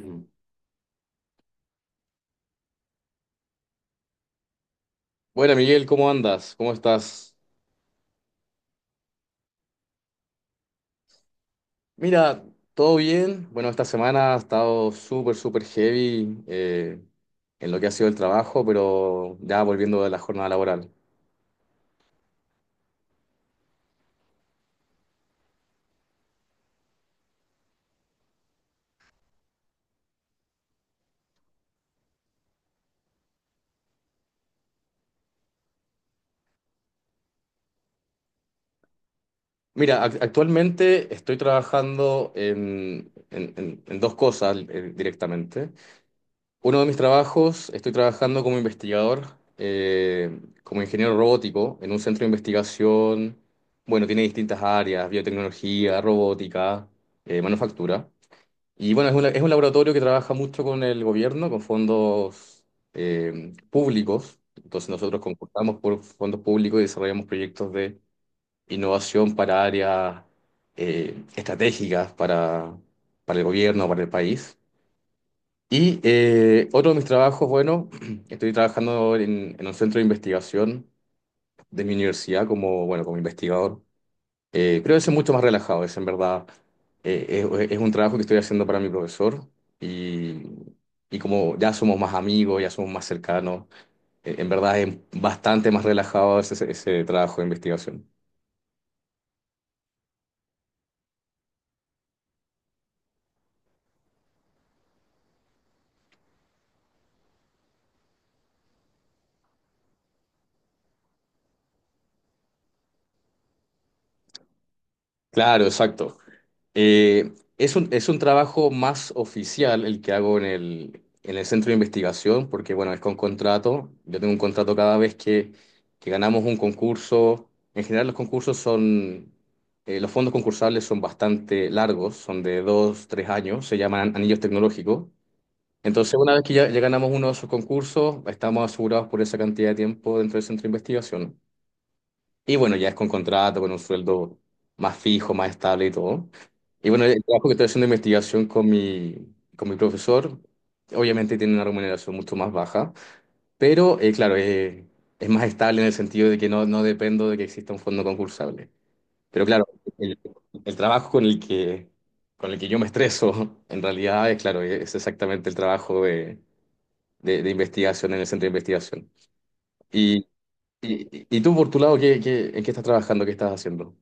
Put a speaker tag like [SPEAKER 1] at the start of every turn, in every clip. [SPEAKER 1] Mm. Bueno, Miguel, ¿cómo andas? ¿Cómo estás? Mira, todo bien. Bueno, esta semana ha estado súper, súper heavy en lo que ha sido el trabajo, pero ya volviendo de la jornada laboral. Mira, actualmente estoy trabajando en dos cosas directamente. Uno de mis trabajos, estoy trabajando como investigador, como ingeniero robótico en un centro de investigación. Bueno, tiene distintas áreas: biotecnología, robótica, manufactura. Y bueno, es un laboratorio que trabaja mucho con el gobierno, con fondos públicos. Entonces nosotros concursamos por fondos públicos y desarrollamos proyectos de innovación para áreas estratégicas para el gobierno, para el país. Y otro de mis trabajos, bueno, estoy trabajando en un centro de investigación de mi universidad como, bueno, como investigador. Creo que es mucho más relajado, es en verdad, es un trabajo que estoy haciendo para mi profesor y, y como ya somos más amigos, ya somos más cercanos, en verdad es bastante más relajado ese trabajo de investigación. Claro, exacto. Eh, es un trabajo más oficial el que hago en el centro de investigación, porque bueno, es con contrato. Yo tengo un contrato cada vez que ganamos un concurso. En general los concursos son, los fondos concursables son bastante largos, son de dos, tres años, se llaman anillos tecnológicos. Entonces, una vez que ya ganamos uno de esos concursos, estamos asegurados por esa cantidad de tiempo dentro del centro de investigación. Y bueno, ya es con contrato, con un sueldo más fijo, más estable y todo. Y bueno, el trabajo que estoy haciendo de investigación con mi profesor, obviamente tiene una remuneración mucho más baja, pero claro, es más estable en el sentido de que no, no dependo de que exista un fondo concursable. Pero claro, el, el trabajo con el con el que yo me estreso, en realidad, es claro, es exactamente el trabajo de investigación en el centro de investigación. Y, y tú, por tu lado, ¿qué, qué... en qué estás trabajando? ¿Qué estás haciendo?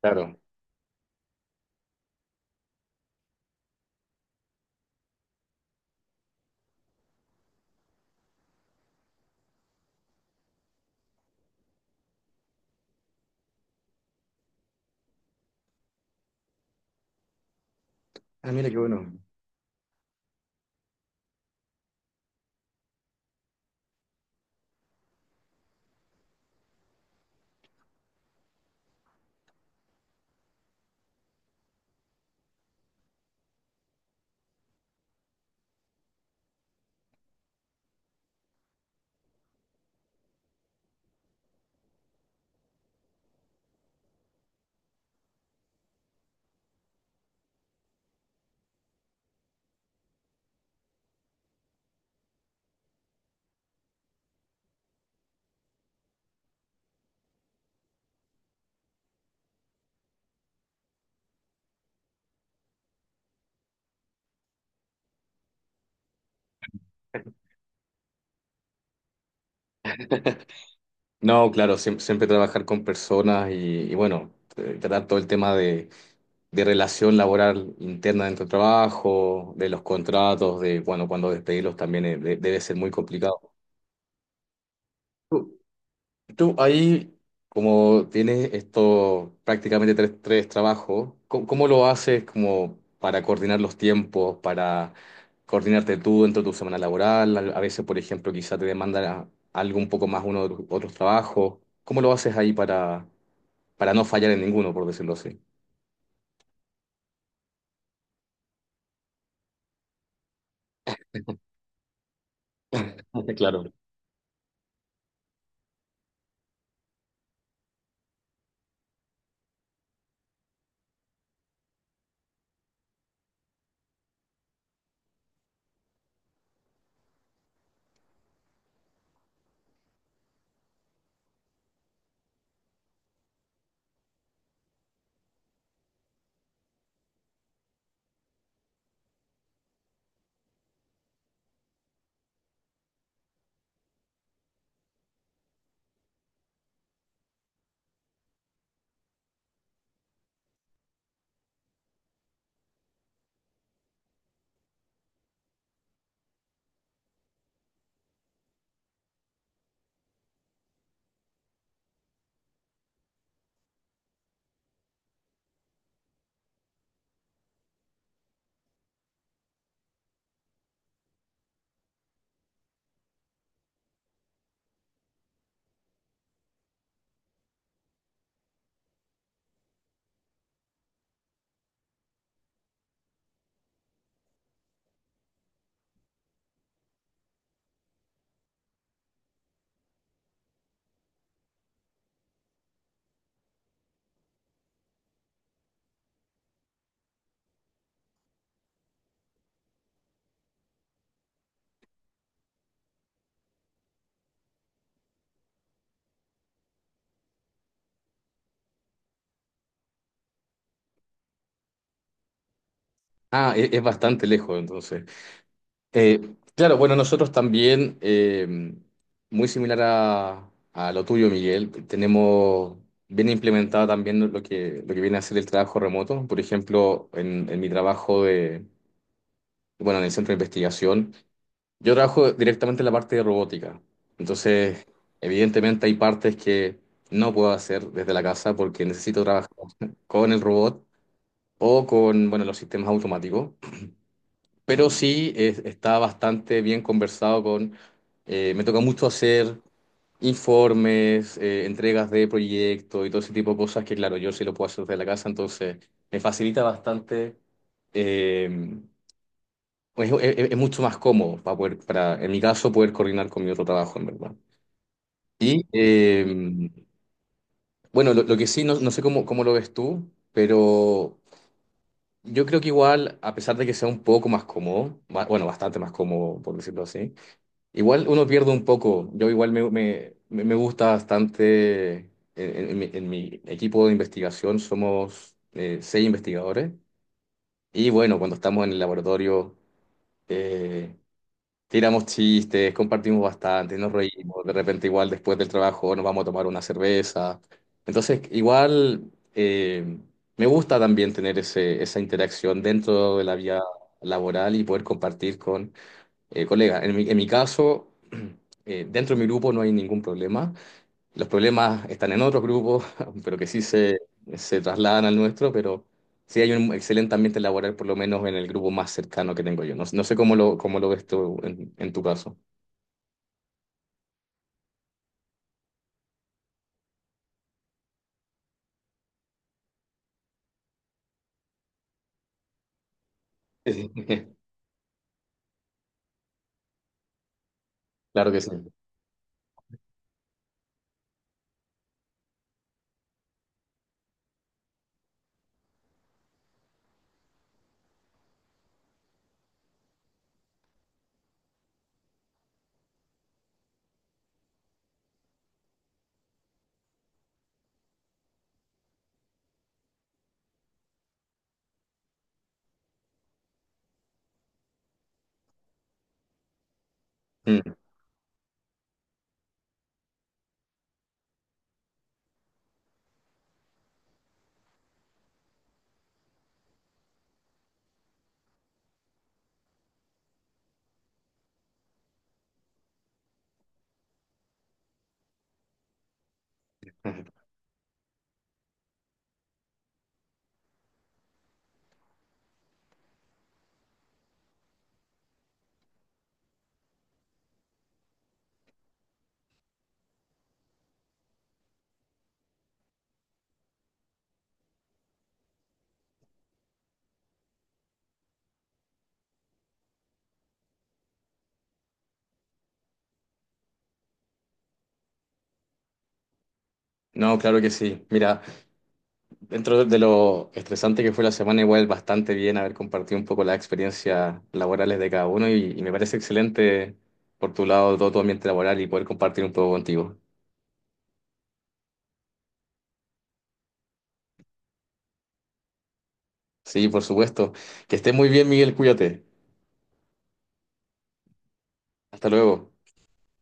[SPEAKER 1] Claro. Ah, mira qué bueno. No, claro, siempre, trabajar con personas y bueno, tratar todo el tema de relación laboral interna dentro del trabajo, de los contratos, de bueno, cuando despedirlos también debe ser muy complicado. Tú ahí, como tienes esto prácticamente tres, tres trabajos, ¿cómo, cómo lo haces como para coordinar los tiempos, para coordinarte tú dentro de tu semana laboral? A veces, por ejemplo, quizá te demanda algo un poco más uno de tus otros trabajos. ¿Cómo lo haces ahí para no fallar en ninguno, por decirlo así? Claro. Ah, es bastante lejos, entonces. Eh, claro, bueno, nosotros también, muy similar a lo tuyo, Miguel, tenemos bien implementado también lo lo que viene a ser el trabajo remoto. Por ejemplo, en mi trabajo de, bueno, en el centro de investigación, yo trabajo directamente en la parte de robótica. Entonces, evidentemente hay partes que no puedo hacer desde la casa porque necesito trabajar con el robot o con, bueno, los sistemas automáticos, pero sí está bastante bien conversado con... me toca mucho hacer informes, entregas de proyectos y todo ese tipo de cosas que, claro, yo sí lo puedo hacer desde la casa, entonces me facilita bastante. eh, es es mucho más cómodo para poder, para, en mi caso, poder coordinar con mi otro trabajo, en verdad. Y bueno, lo que sí, no, no sé cómo, cómo lo ves tú, pero yo creo que igual, a pesar de que sea un poco más cómodo, bueno, bastante más cómodo, por decirlo así, igual uno pierde un poco. Yo igual me gusta bastante. En mi, en mi equipo de investigación somos 6 investigadores. Y bueno, cuando estamos en el laboratorio, eh, tiramos chistes, compartimos bastante, nos reímos. De repente igual después del trabajo nos vamos a tomar una cerveza. Entonces igual me gusta también tener esa interacción dentro de la vía laboral y poder compartir colega, en mi caso, dentro de mi grupo no hay ningún problema. Los problemas están en otros grupos, pero que sí se trasladan al nuestro, pero sí hay un excelente ambiente laboral, por lo menos en el grupo más cercano que tengo yo. No, no sé cómo cómo lo ves tú en tu caso. Claro que sí. Mm. No, claro que sí. Mira, dentro de lo estresante que fue la semana, igual bastante bien haber compartido un poco las experiencias laborales de cada uno y me parece excelente por tu lado todo tu ambiente laboral y poder compartir un poco contigo. Sí, por supuesto. Que estés muy bien, Miguel, cuídate. Hasta luego.